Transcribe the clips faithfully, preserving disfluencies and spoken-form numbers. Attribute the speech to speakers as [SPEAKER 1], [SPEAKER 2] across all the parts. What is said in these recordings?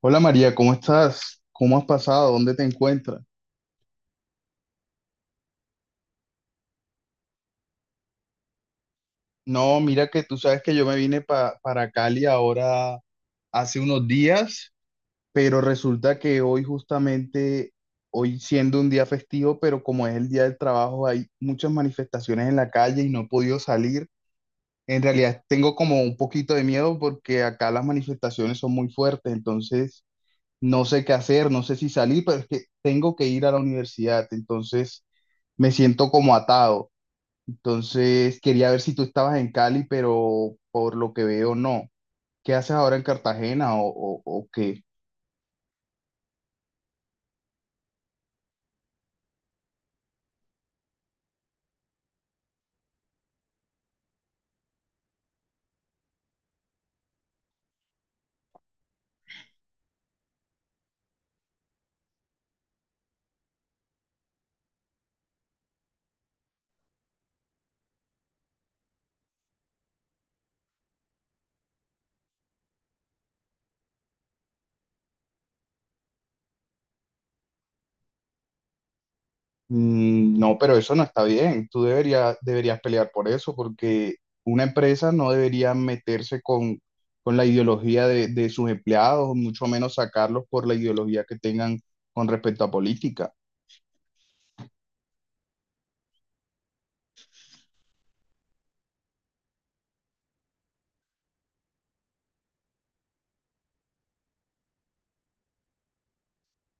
[SPEAKER 1] Hola María, ¿cómo estás? ¿Cómo has pasado? ¿Dónde te encuentras? No, mira que tú sabes que yo me vine pa- para Cali ahora hace unos días, pero resulta que hoy justamente, hoy siendo un día festivo, pero como es el día del trabajo, hay muchas manifestaciones en la calle y no he podido salir. En realidad tengo como un poquito de miedo porque acá las manifestaciones son muy fuertes, entonces no sé qué hacer, no sé si salir, pero es que tengo que ir a la universidad, entonces me siento como atado. Entonces, quería ver si tú estabas en Cali, pero por lo que veo, no. ¿Qué haces ahora en Cartagena o, o- o qué? Mm, no, pero eso no está bien. Tú deberías, deberías pelear por eso, porque una empresa no debería meterse con, con la ideología de, de sus empleados, mucho menos sacarlos por la ideología que tengan con respecto a política.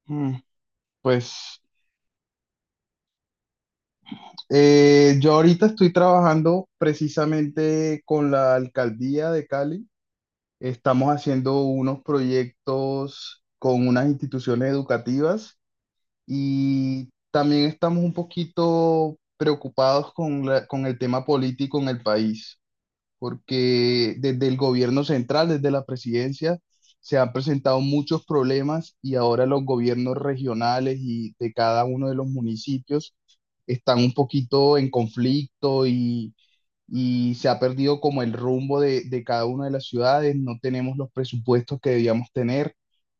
[SPEAKER 1] Mm, pues eh, yo ahorita estoy trabajando precisamente con la alcaldía de Cali. Estamos haciendo unos proyectos con unas instituciones educativas y también estamos un poquito preocupados con la- con el tema político en el país, porque desde el gobierno central, desde la presidencia, se han presentado muchos problemas y ahora los gobiernos regionales y de cada uno de los municipios están un poquito en conflicto y se ha perdido como el rumbo de, de cada una de las ciudades, no tenemos los presupuestos que debíamos tener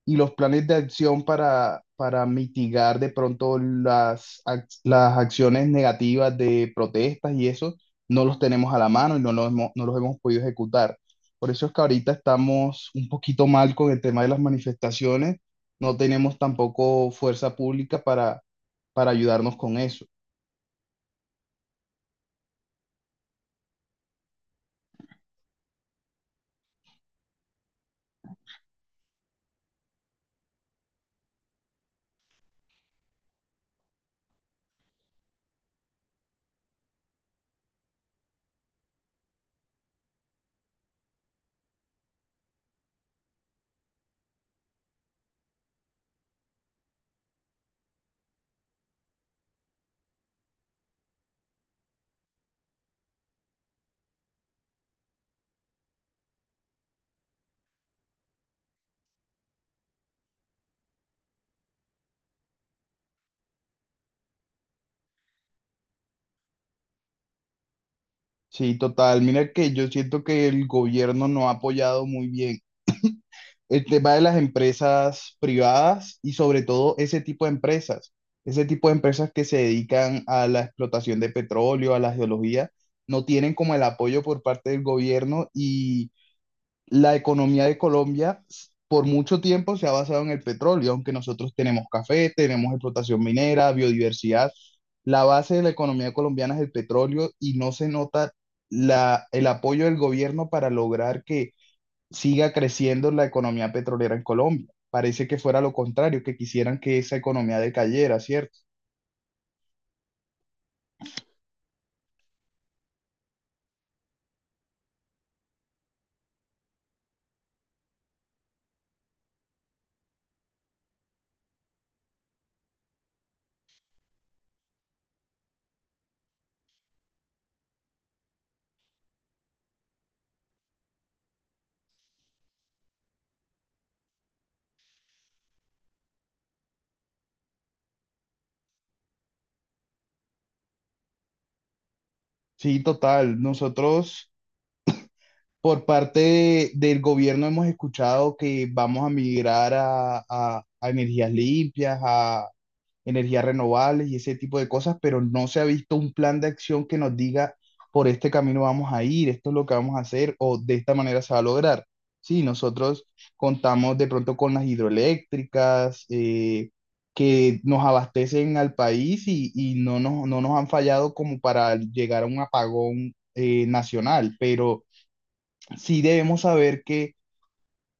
[SPEAKER 1] y los planes de acción para, para mitigar de pronto las, ac- las acciones negativas de protestas y eso, no los tenemos a la mano y no los hemos, no los hemos podido ejecutar. Por eso es que ahorita estamos un poquito mal con el tema de las manifestaciones, no tenemos tampoco fuerza pública para, para ayudarnos con eso. Sí, total. Mira que yo siento que el gobierno no ha apoyado muy bien el tema de las empresas privadas y sobre todo ese tipo de empresas, ese tipo de empresas que se dedican a la explotación de petróleo, a la geología, no tienen como el apoyo por parte del gobierno y la economía de Colombia por mucho tiempo se ha basado en el petróleo, aunque nosotros tenemos café, tenemos explotación minera, biodiversidad. La base de la economía colombiana es el petróleo y no se nota la, el apoyo del gobierno para lograr que siga creciendo la economía petrolera en Colombia. Parece que fuera lo contrario, que quisieran que esa economía decayera, ¿cierto? Sí, total. Nosotros... Por parte de- del gobierno hemos escuchado que vamos a migrar a, a- a energías limpias, a energías renovables y ese tipo de cosas, pero no se ha visto un plan de acción que nos diga por este camino vamos a ir, esto es lo que vamos a hacer o de esta manera se va a lograr. Sí, nosotros contamos de pronto con las hidroeléctricas, eh, que nos abastecen al país y, y no nos, no nos han fallado como para llegar a un apagón eh, nacional, pero sí debemos saber que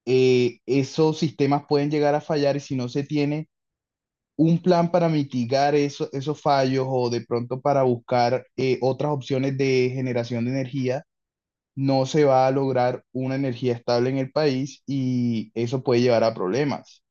[SPEAKER 1] eh, esos sistemas pueden llegar a fallar y si no se tiene un plan para mitigar eso- esos fallos o de pronto para buscar eh, otras opciones de generación de energía, no se va a lograr una energía estable en el país y eso puede llevar a problemas.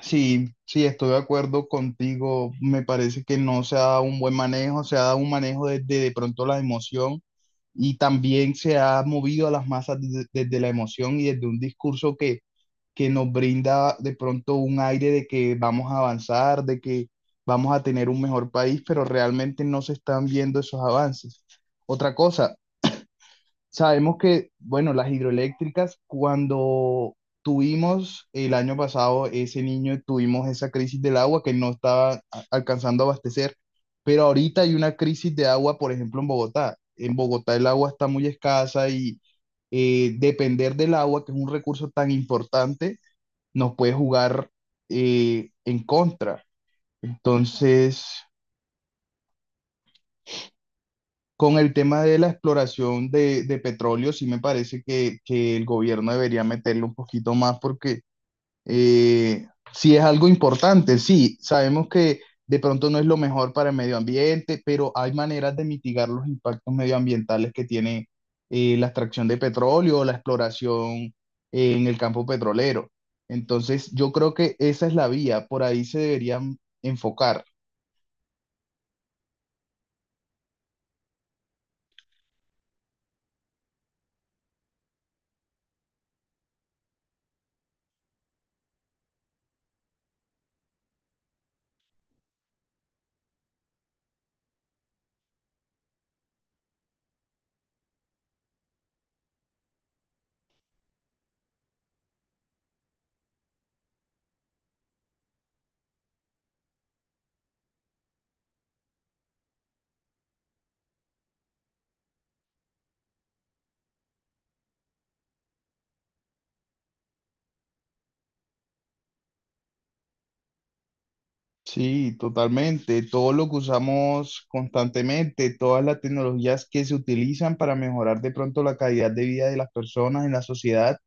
[SPEAKER 1] Sí, sí, estoy de acuerdo contigo. Me parece que no se ha dado un buen manejo, se ha dado un manejo desde de pronto la emoción y también se ha movido a las masas desde, desde la emoción y desde un discurso que, que nos brinda de pronto un aire de que vamos a avanzar, de que vamos a tener un mejor país, pero realmente no se están viendo esos avances. Otra cosa, sabemos que, bueno, las hidroeléctricas, cuando tuvimos el año pasado ese niño, tuvimos esa crisis del agua que no estaba a- alcanzando a abastecer, pero ahorita hay una crisis de agua, por ejemplo, en Bogotá. En Bogotá el agua está muy escasa y eh, depender del agua, que es un recurso tan importante, nos puede jugar eh, en contra. Entonces... Con el tema de la exploración de, de petróleo, sí me parece que, que el gobierno debería meterle un poquito más porque eh, sí es algo importante, sí, sabemos que de pronto no es lo mejor para el medio ambiente, pero hay maneras de mitigar los impactos medioambientales que tiene eh, la extracción de petróleo o la exploración eh, en el campo petrolero. Entonces, yo creo que esa es la vía, por ahí se deberían enfocar. Sí, totalmente. Todo lo que usamos constantemente, todas las tecnologías que se utilizan para mejorar de pronto la calidad de vida de las personas en la sociedad,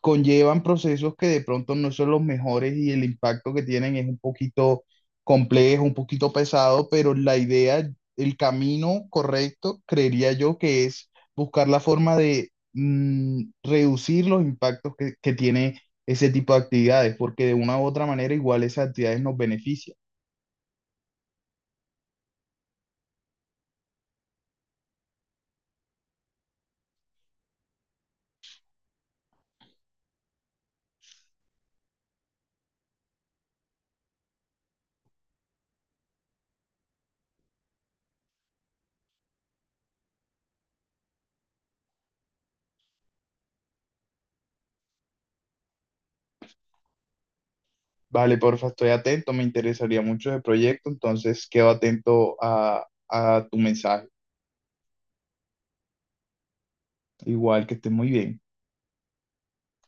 [SPEAKER 1] conllevan procesos que de pronto no son los mejores y el impacto que tienen es un poquito complejo, un poquito pesado, pero la idea, el camino correcto, creería yo que es buscar la forma de mm, reducir los impactos que, que tiene ese tipo de actividades, porque de una u otra manera igual esas actividades nos benefician. Vale, porfa, estoy atento, me interesaría mucho el proyecto, entonces quedo atento a, a tu mensaje. Igual que estés muy bien.